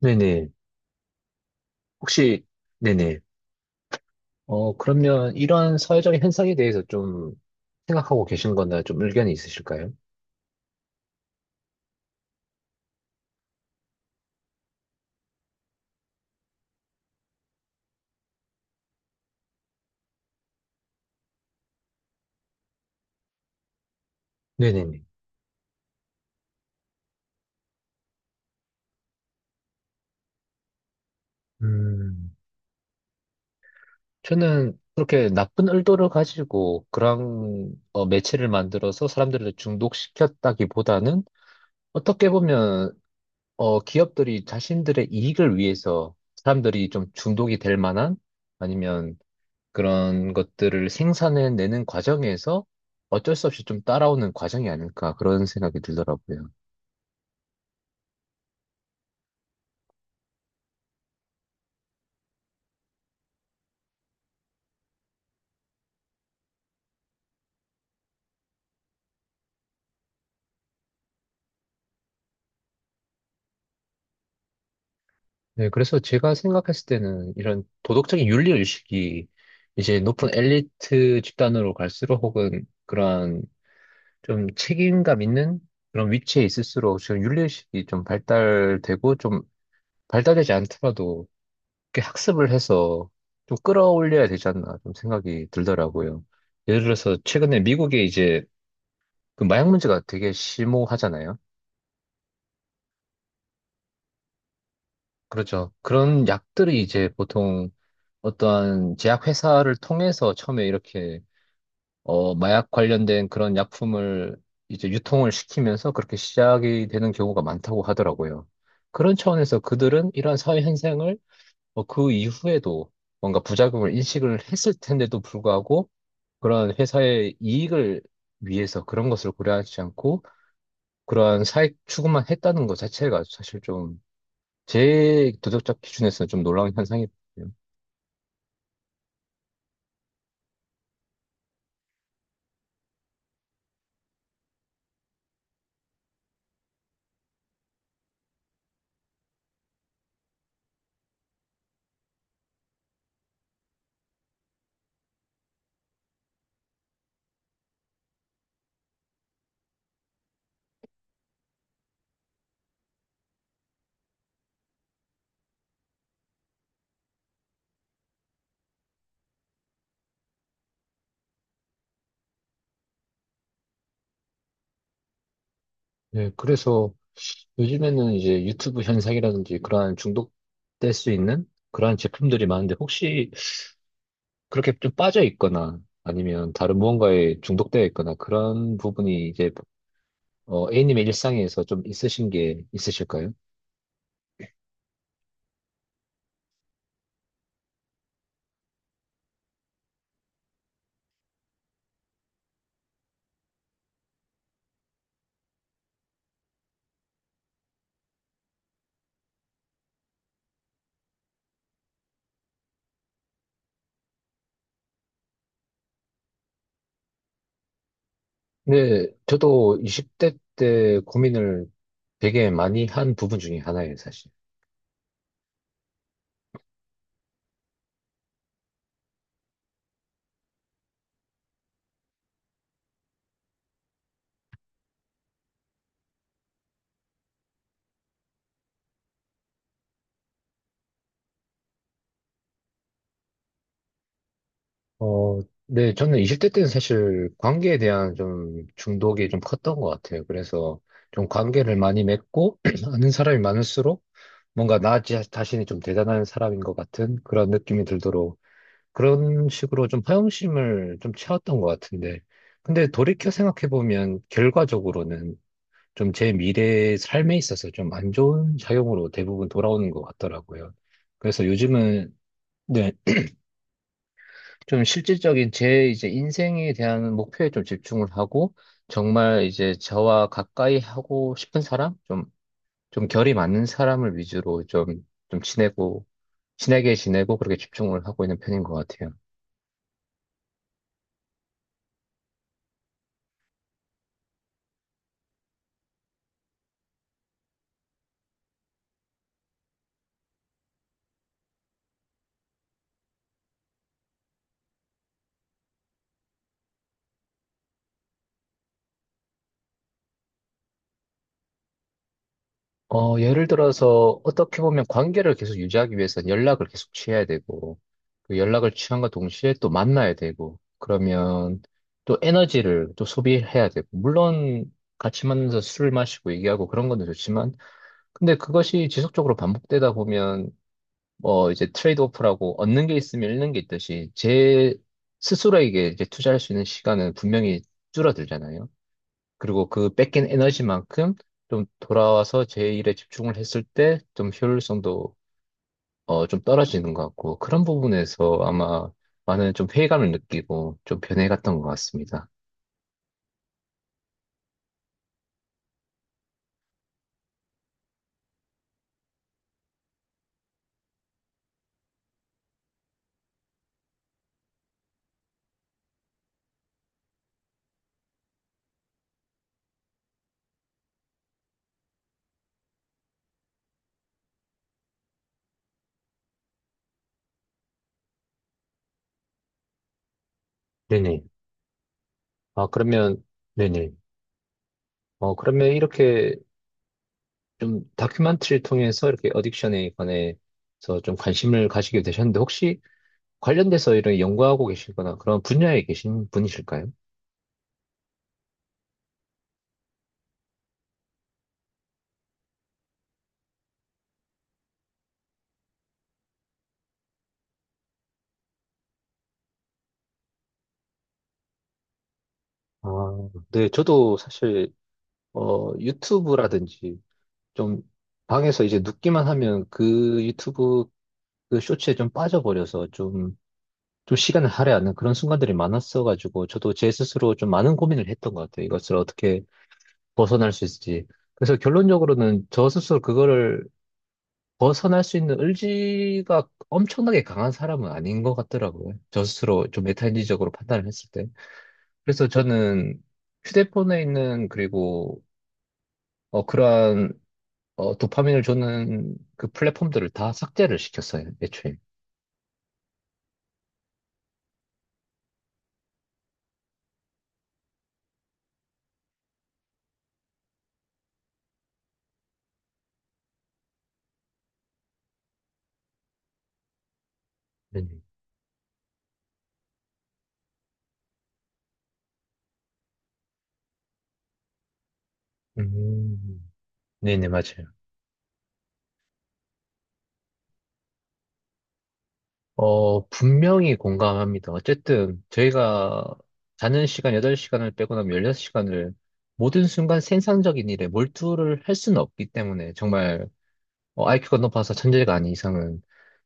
네네. 혹시, 네네. 그러면 이런 사회적인 현상에 대해서 좀 생각하고 계신 거나 좀 의견이 있으실까요? 네네네. 음, 저는 그렇게 나쁜 의도를 가지고 그런 매체를 만들어서 사람들을 중독시켰다기보다는, 어떻게 보면 기업들이 자신들의 이익을 위해서 사람들이 좀 중독이 될 만한, 아니면 그런 것들을 생산해내는 과정에서 어쩔 수 없이 좀 따라오는 과정이 아닐까, 그런 생각이 들더라고요. 네, 그래서 제가 생각했을 때는, 이런 도덕적인 윤리 의식이 이제 높은 엘리트 집단으로 갈수록, 혹은 그런 좀 책임감 있는 그런 위치에 있을수록, 지금 윤리 의식이 좀 발달되고, 좀 발달되지 않더라도 이렇게 학습을 해서 좀 끌어올려야 되지 않나, 좀 생각이 들더라고요. 예를 들어서 최근에 미국에 이제 그 마약 문제가 되게 심오하잖아요. 그렇죠. 그런 약들이 이제 보통 어떠한 제약회사를 통해서 처음에 이렇게 마약 관련된 그런 약품을 이제 유통을 시키면서, 그렇게 시작이 되는 경우가 많다고 하더라고요. 그런 차원에서 그들은 이러한 사회 현상을 그 이후에도 뭔가 부작용을 인식을 했을 텐데도 불구하고, 그런 회사의 이익을 위해서 그런 것을 고려하지 않고, 그러한 사익 추구만 했다는 것 자체가 사실 좀 제 도덕적 기준에서는 좀 놀라운 현상이거든요. 네, 그래서 요즘에는 이제 유튜브 현상이라든지 그러한 중독될 수 있는 그러한 제품들이 많은데, 혹시 그렇게 좀 빠져 있거나 아니면 다른 무언가에 중독되어 있거나, 그런 부분이 이제 A님의 일상에서 좀 있으신 게 있으실까요? 네, 저도 20대 때 고민을 되게 많이 한 부분 중에 하나예요, 사실. 어, 네, 저는 20대 때는 사실 관계에 대한 좀 중독이 좀 컸던 것 같아요. 그래서 좀 관계를 많이 맺고 아는 사람이 많을수록 뭔가 나 자신이 좀 대단한 사람인 것 같은 그런 느낌이 들도록, 그런 식으로 좀 허영심을 좀 채웠던 것 같은데. 근데 돌이켜 생각해보면, 결과적으로는 좀 제 미래 삶에 있어서 좀 안 좋은 작용으로 대부분 돌아오는 것 같더라고요. 그래서 요즘은, 네, 좀 실질적인 제 이제 인생에 대한 목표에 좀 집중을 하고, 정말 이제 저와 가까이 하고 싶은 사람, 좀 좀 결이 맞는 사람을 위주로 좀 좀 지내고 친하게 지내고, 그렇게 집중을 하고 있는 편인 것 같아요. 예를 들어서 어떻게 보면 관계를 계속 유지하기 위해서는 연락을 계속 취해야 되고, 그 연락을 취함과 동시에 또 만나야 되고, 그러면 또 에너지를 또 소비해야 되고. 물론 같이 만나서 술 마시고 얘기하고 그런 건 좋지만, 근데 그것이 지속적으로 반복되다 보면, 뭐 이제 트레이드오프라고, 얻는 게 있으면 잃는 게 있듯이 제 스스로에게 이제 투자할 수 있는 시간은 분명히 줄어들잖아요. 그리고 그 뺏긴 에너지만큼 좀 돌아와서 제 일에 집중을 했을 때 좀 효율성도 좀 떨어지는 것 같고, 그런 부분에서 아마 많은 좀 회의감을 느끼고 좀 변해갔던 것 같습니다. 네네. 아, 그러면, 네네. 그러면 이렇게 좀 다큐멘터리를 통해서 이렇게 어딕션에 관해서 좀 관심을 가지게 되셨는데, 혹시 관련돼서 이런 연구하고 계시거나 그런 분야에 계신 분이실까요? 아, 네, 저도 사실 유튜브라든지, 좀 방에서 이제 눕기만 하면 그 유튜브 그 쇼츠에 좀 빠져버려서, 좀 시간을 할애하는 그런 순간들이 많았어가지고, 저도 제 스스로 좀 많은 고민을 했던 것 같아요. 이것을 어떻게 벗어날 수 있을지. 그래서 결론적으로는 저 스스로 그거를 벗어날 수 있는 의지가 엄청나게 강한 사람은 아닌 것 같더라고요. 저 스스로 좀 메타인지적으로 판단을 했을 때. 그래서 저는 휴대폰에 있는, 그리고 그러한 도파민을 주는 그 플랫폼들을 다 삭제를 시켰어요, 애초에. 네네. 음, 네네, 맞아요. 분명히 공감합니다. 어쨌든 저희가 자는 시간 8시간을 빼고 나면 16시간을 모든 순간 생산적인 일에 몰두를 할 수는 없기 때문에, 정말 이큐가 높아서 천재가 아닌 이상은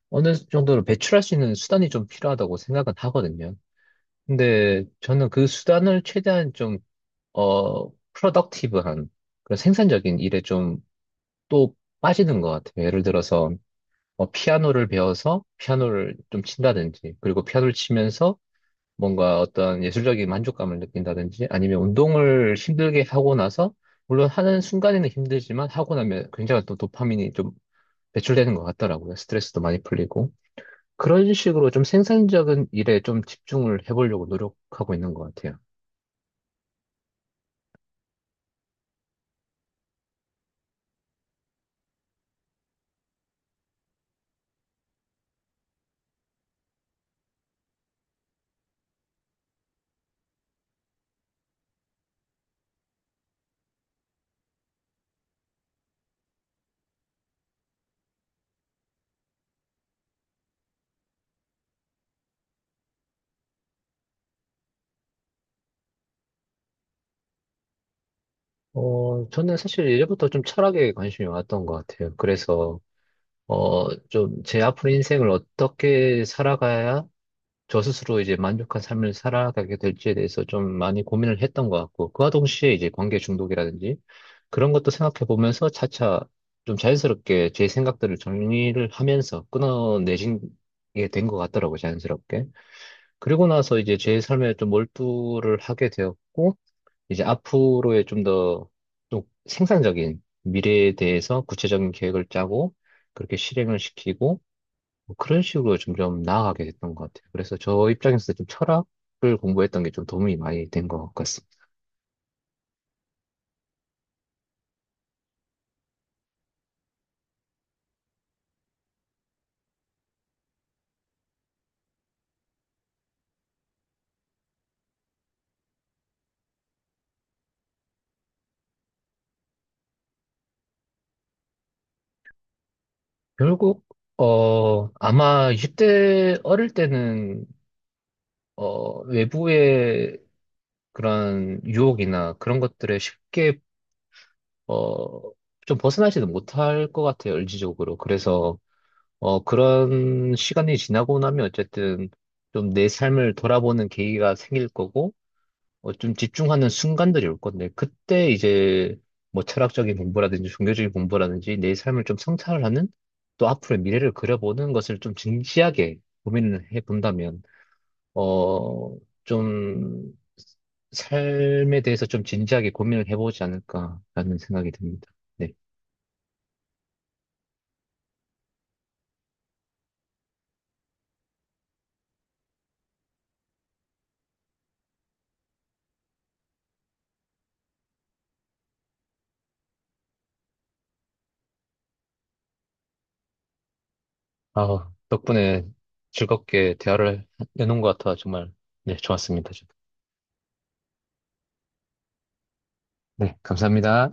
어느 정도로 배출할 수 있는 수단이 좀 필요하다고 생각은 하거든요. 근데 저는 그 수단을 최대한 좀, 프로덕티브한 그런 생산적인 일에 좀 또 빠지는 것 같아요. 예를 들어서 피아노를 배워서 피아노를 좀 친다든지, 그리고 피아노를 치면서 뭔가 어떤 예술적인 만족감을 느낀다든지, 아니면 운동을 힘들게 하고 나서, 물론 하는 순간에는 힘들지만 하고 나면 굉장히 또 도파민이 좀 배출되는 것 같더라고요. 스트레스도 많이 풀리고. 그런 식으로 좀 생산적인 일에 좀 집중을 해보려고 노력하고 있는 것 같아요. 저는 사실 예전부터 좀 철학에 관심이 많았던 것 같아요. 그래서, 좀 제 앞으로 인생을 어떻게 살아가야 저 스스로 이제 만족한 삶을 살아가게 될지에 대해서 좀 많이 고민을 했던 것 같고, 그와 동시에 이제 관계 중독이라든지 그런 것도 생각해 보면서, 차차 좀 자연스럽게 제 생각들을 정리를 하면서 끊어내신 게 된 것 같더라고요, 자연스럽게. 그리고 나서 이제 제 삶에 좀 몰두를 하게 되었고, 이제 앞으로의 좀 더 좀 생산적인 미래에 대해서 구체적인 계획을 짜고, 그렇게 실행을 시키고, 뭐 그런 식으로 점점 나아가게 됐던 것 같아요. 그래서 저 입장에서 좀 철학을 공부했던 게 좀 도움이 많이 된 것 같습니다. 결국, 아마 이0대 어릴 때는, 외부의 그런 유혹이나 그런 것들에 쉽게, 어, 좀 벗어나지는 못할 것 같아요, 의지적으로. 그래서, 그런 시간이 지나고 나면 어쨌든 좀 내 삶을 돌아보는 계기가 생길 거고, 좀 집중하는 순간들이 올 건데, 그때 이제 뭐 철학적인 공부라든지 종교적인 공부라든지 내 삶을 좀 성찰을 하는, 또 앞으로의 미래를 그려보는 것을 좀 진지하게 고민을 해본다면, 어, 좀 삶에 대해서 좀 진지하게 고민을 해보지 않을까라는 생각이 듭니다. 네. 아, 덕분에 즐겁게 대화를 해놓은 것 같아 정말, 네, 좋았습니다. 저도. 네, 감사합니다.